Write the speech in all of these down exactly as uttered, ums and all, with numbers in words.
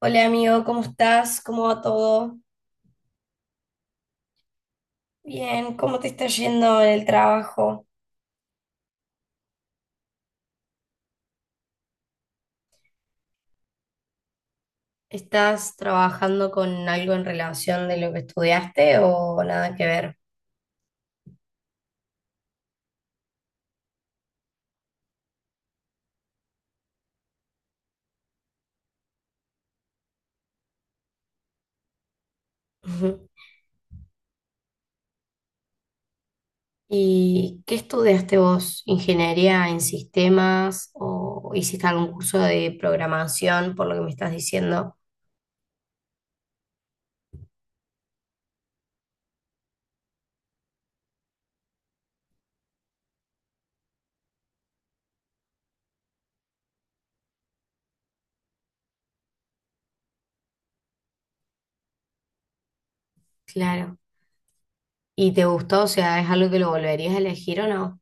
Hola amigo, ¿cómo estás? ¿Cómo va todo? Bien, ¿cómo te está yendo en el trabajo? ¿Estás trabajando con algo en relación de lo que estudiaste o nada que ver? Ujú. ¿Y qué estudiaste vos? ¿Ingeniería en sistemas o hiciste algún curso de programación por lo que me estás diciendo? Claro. ¿Y te gustó? O sea, ¿es algo que lo volverías a elegir o no?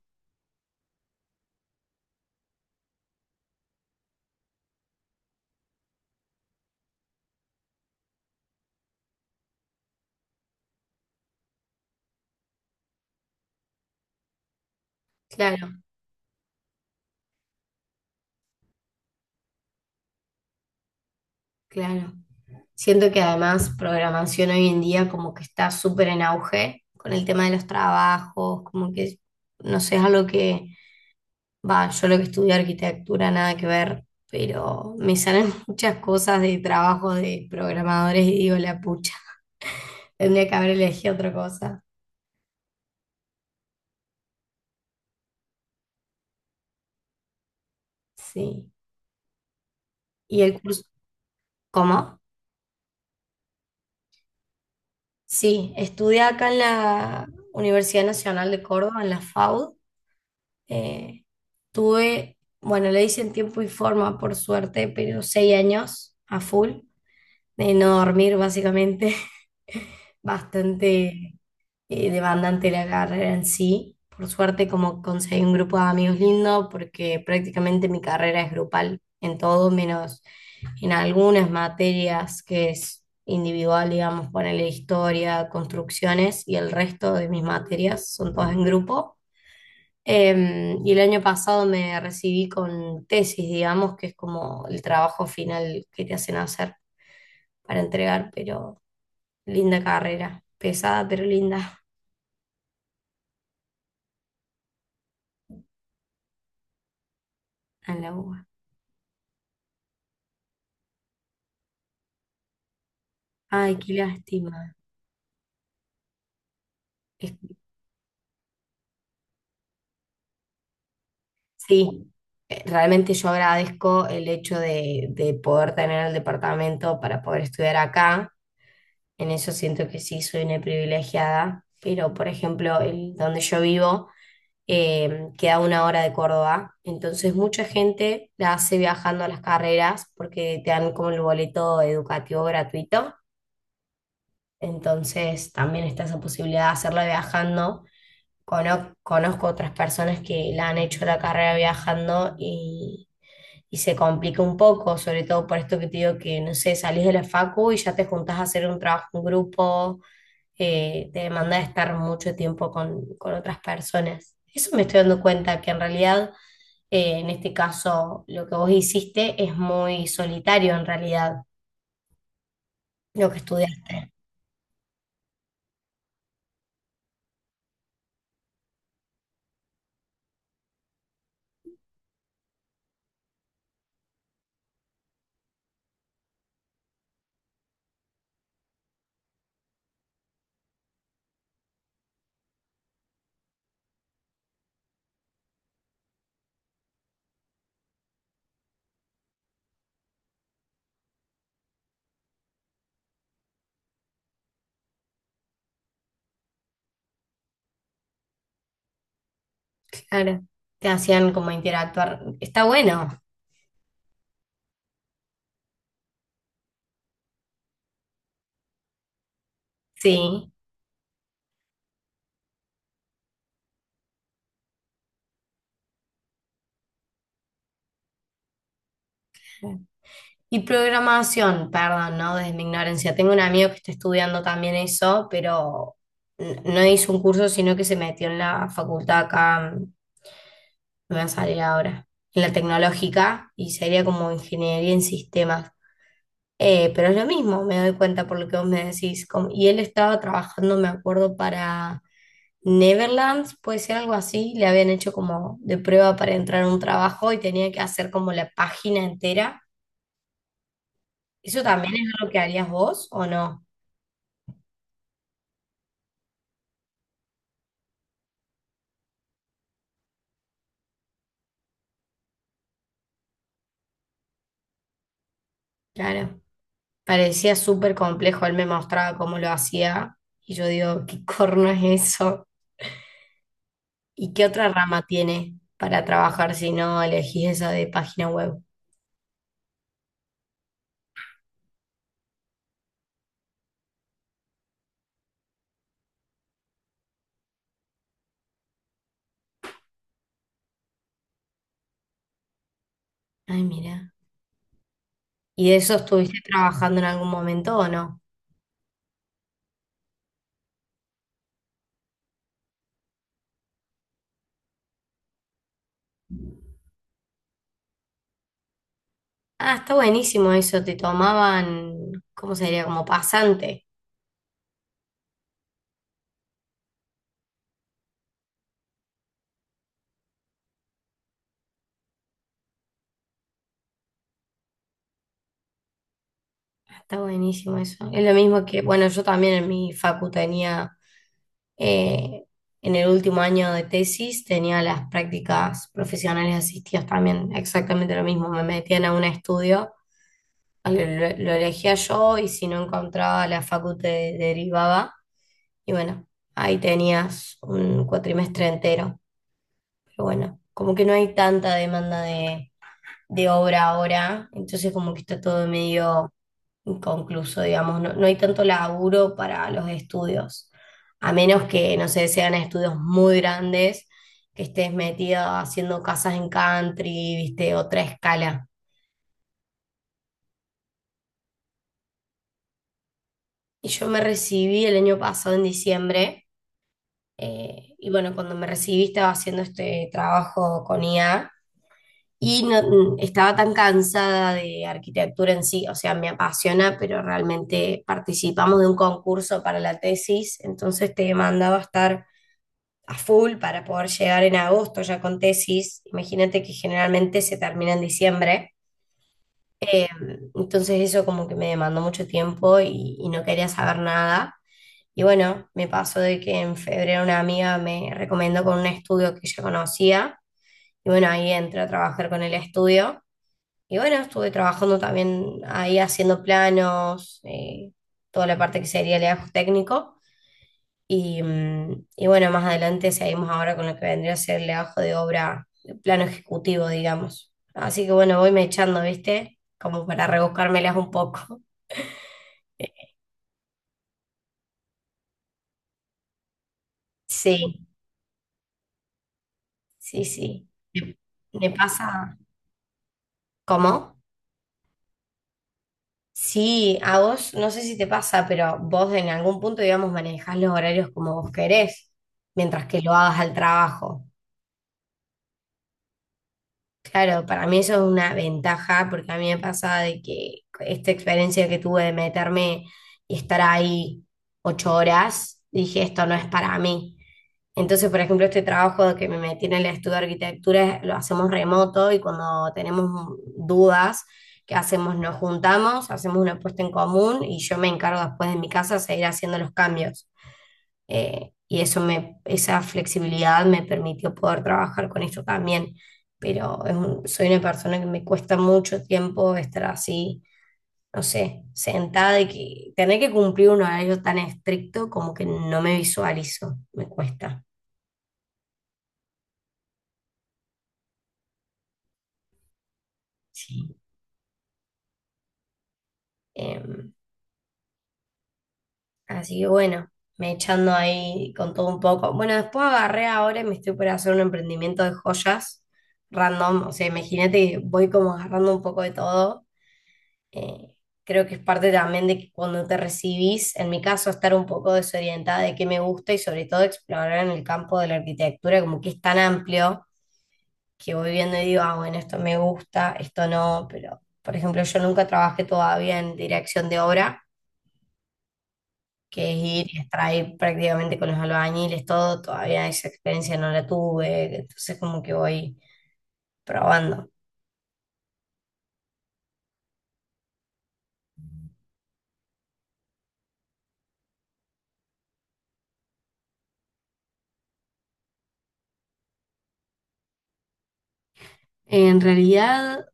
Claro, claro. Siento que además programación hoy en día como que está súper en auge con el tema de los trabajos, como que no sé, es algo que, va, yo lo que estudié arquitectura, nada que ver, pero me salen muchas cosas de trabajo de programadores y digo, la pucha, tendría que haber elegido otra cosa. Sí. ¿Y el curso? ¿Cómo? Sí, estudié acá en la Universidad Nacional de Córdoba, en la FAUD. Eh, Tuve, bueno, le hice en tiempo y forma, por suerte, pero seis años a full, de no dormir básicamente, bastante eh, demandante la carrera en sí. Por suerte, como conseguí un grupo de amigos lindo, porque prácticamente mi carrera es grupal en todo, menos en algunas materias que es individual, digamos, ponerle historia, construcciones, y el resto de mis materias son todas en grupo. Eh, y el año pasado me recibí con tesis, digamos, que es como el trabajo final que te hacen hacer para entregar, pero linda carrera, pesada pero linda a la UBA. Ay, qué lástima. Es- Sí, eh, realmente yo agradezco el hecho de, de poder tener el departamento para poder estudiar acá. En eso siento que sí soy una privilegiada, pero por ejemplo, el, donde yo vivo eh, queda a una hora de Córdoba. Entonces mucha gente la hace viajando a las carreras porque te dan como el boleto educativo gratuito, entonces también está esa posibilidad de hacerla viajando. Cono- conozco otras personas que la han hecho la carrera viajando y, y se complica un poco, sobre todo por esto que te digo que, no sé, salís de la facu y ya te juntás a hacer un trabajo en grupo, eh, te demanda de estar mucho tiempo con, con otras personas. Eso me estoy dando cuenta que en realidad, eh, en este caso, lo que vos hiciste es muy solitario en realidad, lo que estudiaste. Claro, te hacían como interactuar. Está bueno, sí. Y programación, perdón, ¿no? Desde mi ignorancia. Tengo un amigo que está estudiando también eso, pero n- no hizo un curso, sino que se metió en la facultad acá, mm, me va a salir ahora, en la tecnológica, y sería como ingeniería en sistemas. Eh, pero es lo mismo, me doy cuenta por lo que vos me decís. Como- y él estaba trabajando, me acuerdo, para Neverlands, puede ser algo así. Le habían hecho como de prueba para entrar a un trabajo y tenía que hacer como la página entera. ¿Eso también es lo que harías vos o no? Claro, parecía súper complejo. Él me mostraba cómo lo hacía y yo digo, ¿qué corno es eso? ¿Y qué otra rama tiene para trabajar si no elegís esa de página web? Ay, mira. ¿Y de eso estuviste trabajando en algún momento o no? Ah, está buenísimo eso, te tomaban, ¿cómo se diría? Como pasante. Ah, está buenísimo eso. Es lo mismo que, bueno, yo también en mi facu tenía, eh, en el último año de tesis, tenía las prácticas profesionales asistidas también, exactamente lo mismo. Me metían a un estudio, lo, lo- lo elegía yo y si no encontraba la facu te derivaba. Y bueno, ahí tenías un cuatrimestre entero. Pero bueno, como que no hay tanta demanda de, de obra ahora, entonces como que está todo medio inconcluso, digamos, no, no hay tanto laburo para los estudios, a menos que, no sé, sean estudios muy grandes, que estés metido haciendo casas en country, viste, otra escala. Y yo me recibí el año pasado en diciembre, eh, y bueno, cuando me recibí estaba haciendo este trabajo con I A. Y no, mm, estaba tan cansada de arquitectura en sí, o sea, me apasiona, pero realmente participamos de un concurso para la tesis, entonces te mandaba a estar a full para poder llegar en agosto ya con tesis. Imagínate que generalmente se termina en diciembre, entonces eso como que me demandó mucho tiempo y, y no quería saber nada. Y bueno, me pasó de que en febrero una amiga me recomendó con un estudio que ella conocía, y bueno, ahí entré a trabajar con el estudio. Y bueno, estuve trabajando también ahí haciendo planos, eh, toda la parte que sería el legajo técnico. Y, mm, y bueno, más adelante seguimos ahora con lo que vendría a ser el legajo de obra, el plano ejecutivo, digamos. Así que bueno, voy me echando, ¿viste? Como para rebuscármelas un poco. Sí, sí, sí. Me me pasa. ¿Cómo? Sí, a vos, no sé si te pasa, pero vos en algún punto, digamos, manejás los horarios como vos querés, mientras que lo hagas al trabajo. Claro, para mí eso es una ventaja porque a mí me pasa de que esta experiencia que tuve de meterme y estar ahí ocho horas, dije, esto no es para mí. Entonces, por ejemplo, este trabajo que me metí en el estudio de arquitectura lo hacemos remoto y cuando tenemos dudas, ¿qué hacemos? Nos juntamos, hacemos una puesta en común y yo me encargo después de mi casa seguir haciendo los cambios, eh, y eso me, esa flexibilidad me permitió poder trabajar con esto también. Pero es un- soy una persona que me cuesta mucho tiempo estar así, no sé, sentada y que tener que cumplir un horario tan estricto como que no me visualizo, me cuesta. Sí. Eh, Así que bueno, me echando ahí con todo un poco. Bueno, después agarré ahora y me estoy por hacer un emprendimiento de joyas random. O sea, imagínate que voy como agarrando un poco de todo. Eh, Creo que es parte también de que cuando te recibís, en mi caso, estar un poco desorientada de qué me gusta y sobre todo explorar en el campo de la arquitectura, como que es tan amplio que voy viendo y digo, ah, bueno, esto me gusta, esto no, pero por ejemplo, yo nunca trabajé todavía en dirección de obra que es ir y estar ahí prácticamente con los albañiles, todo, todavía esa experiencia no la tuve, entonces como que voy probando. En realidad,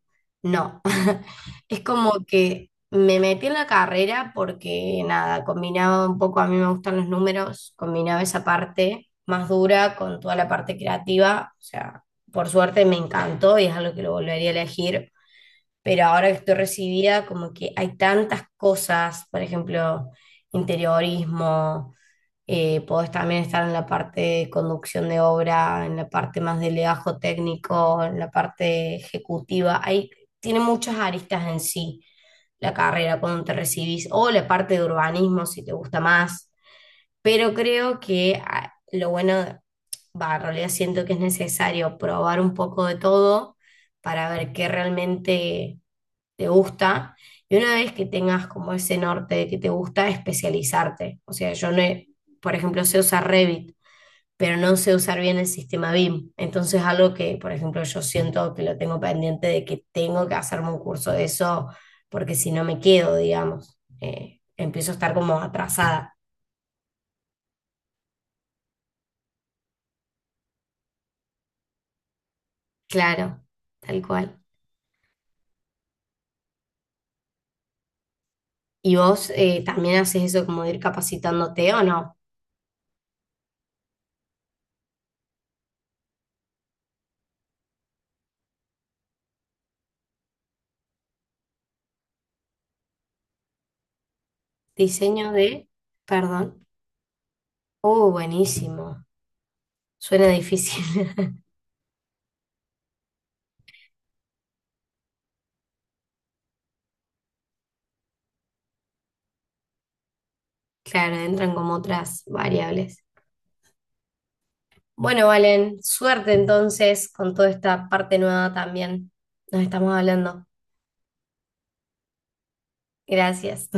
no. Es como que me metí en la carrera porque nada, combinaba un poco, a mí me gustan los números, combinaba esa parte más dura con toda la parte creativa, o sea, por suerte me encantó y es algo que lo volvería a elegir, pero ahora que estoy recibida, como que hay tantas cosas, por ejemplo, interiorismo, eh, podés también estar en la parte de conducción de obra, en la parte más de legajo técnico, en la parte ejecutiva, hay, tiene muchas aristas en sí la carrera cuando te recibís, o la parte de urbanismo si te gusta más, pero creo que ah, lo bueno, va, en realidad siento que es necesario probar un poco de todo para ver qué realmente te gusta, y una vez que tengas como ese norte de que te gusta, especializarte. O sea, yo no, he- por ejemplo, sé usar Revit, pero no sé usar bien el sistema BIM. Entonces, algo que, por ejemplo, yo siento que lo tengo pendiente de que tengo que hacerme un curso de eso, porque si no me quedo, digamos, eh, empiezo a estar como atrasada. Claro, tal cual. ¿Y vos eh, también haces eso como de ir capacitándote o no? Diseño de, perdón. Oh, buenísimo. Suena difícil. Claro, entran como otras variables. Bueno, Valen, suerte entonces con toda esta parte nueva también. Nos estamos hablando. Gracias.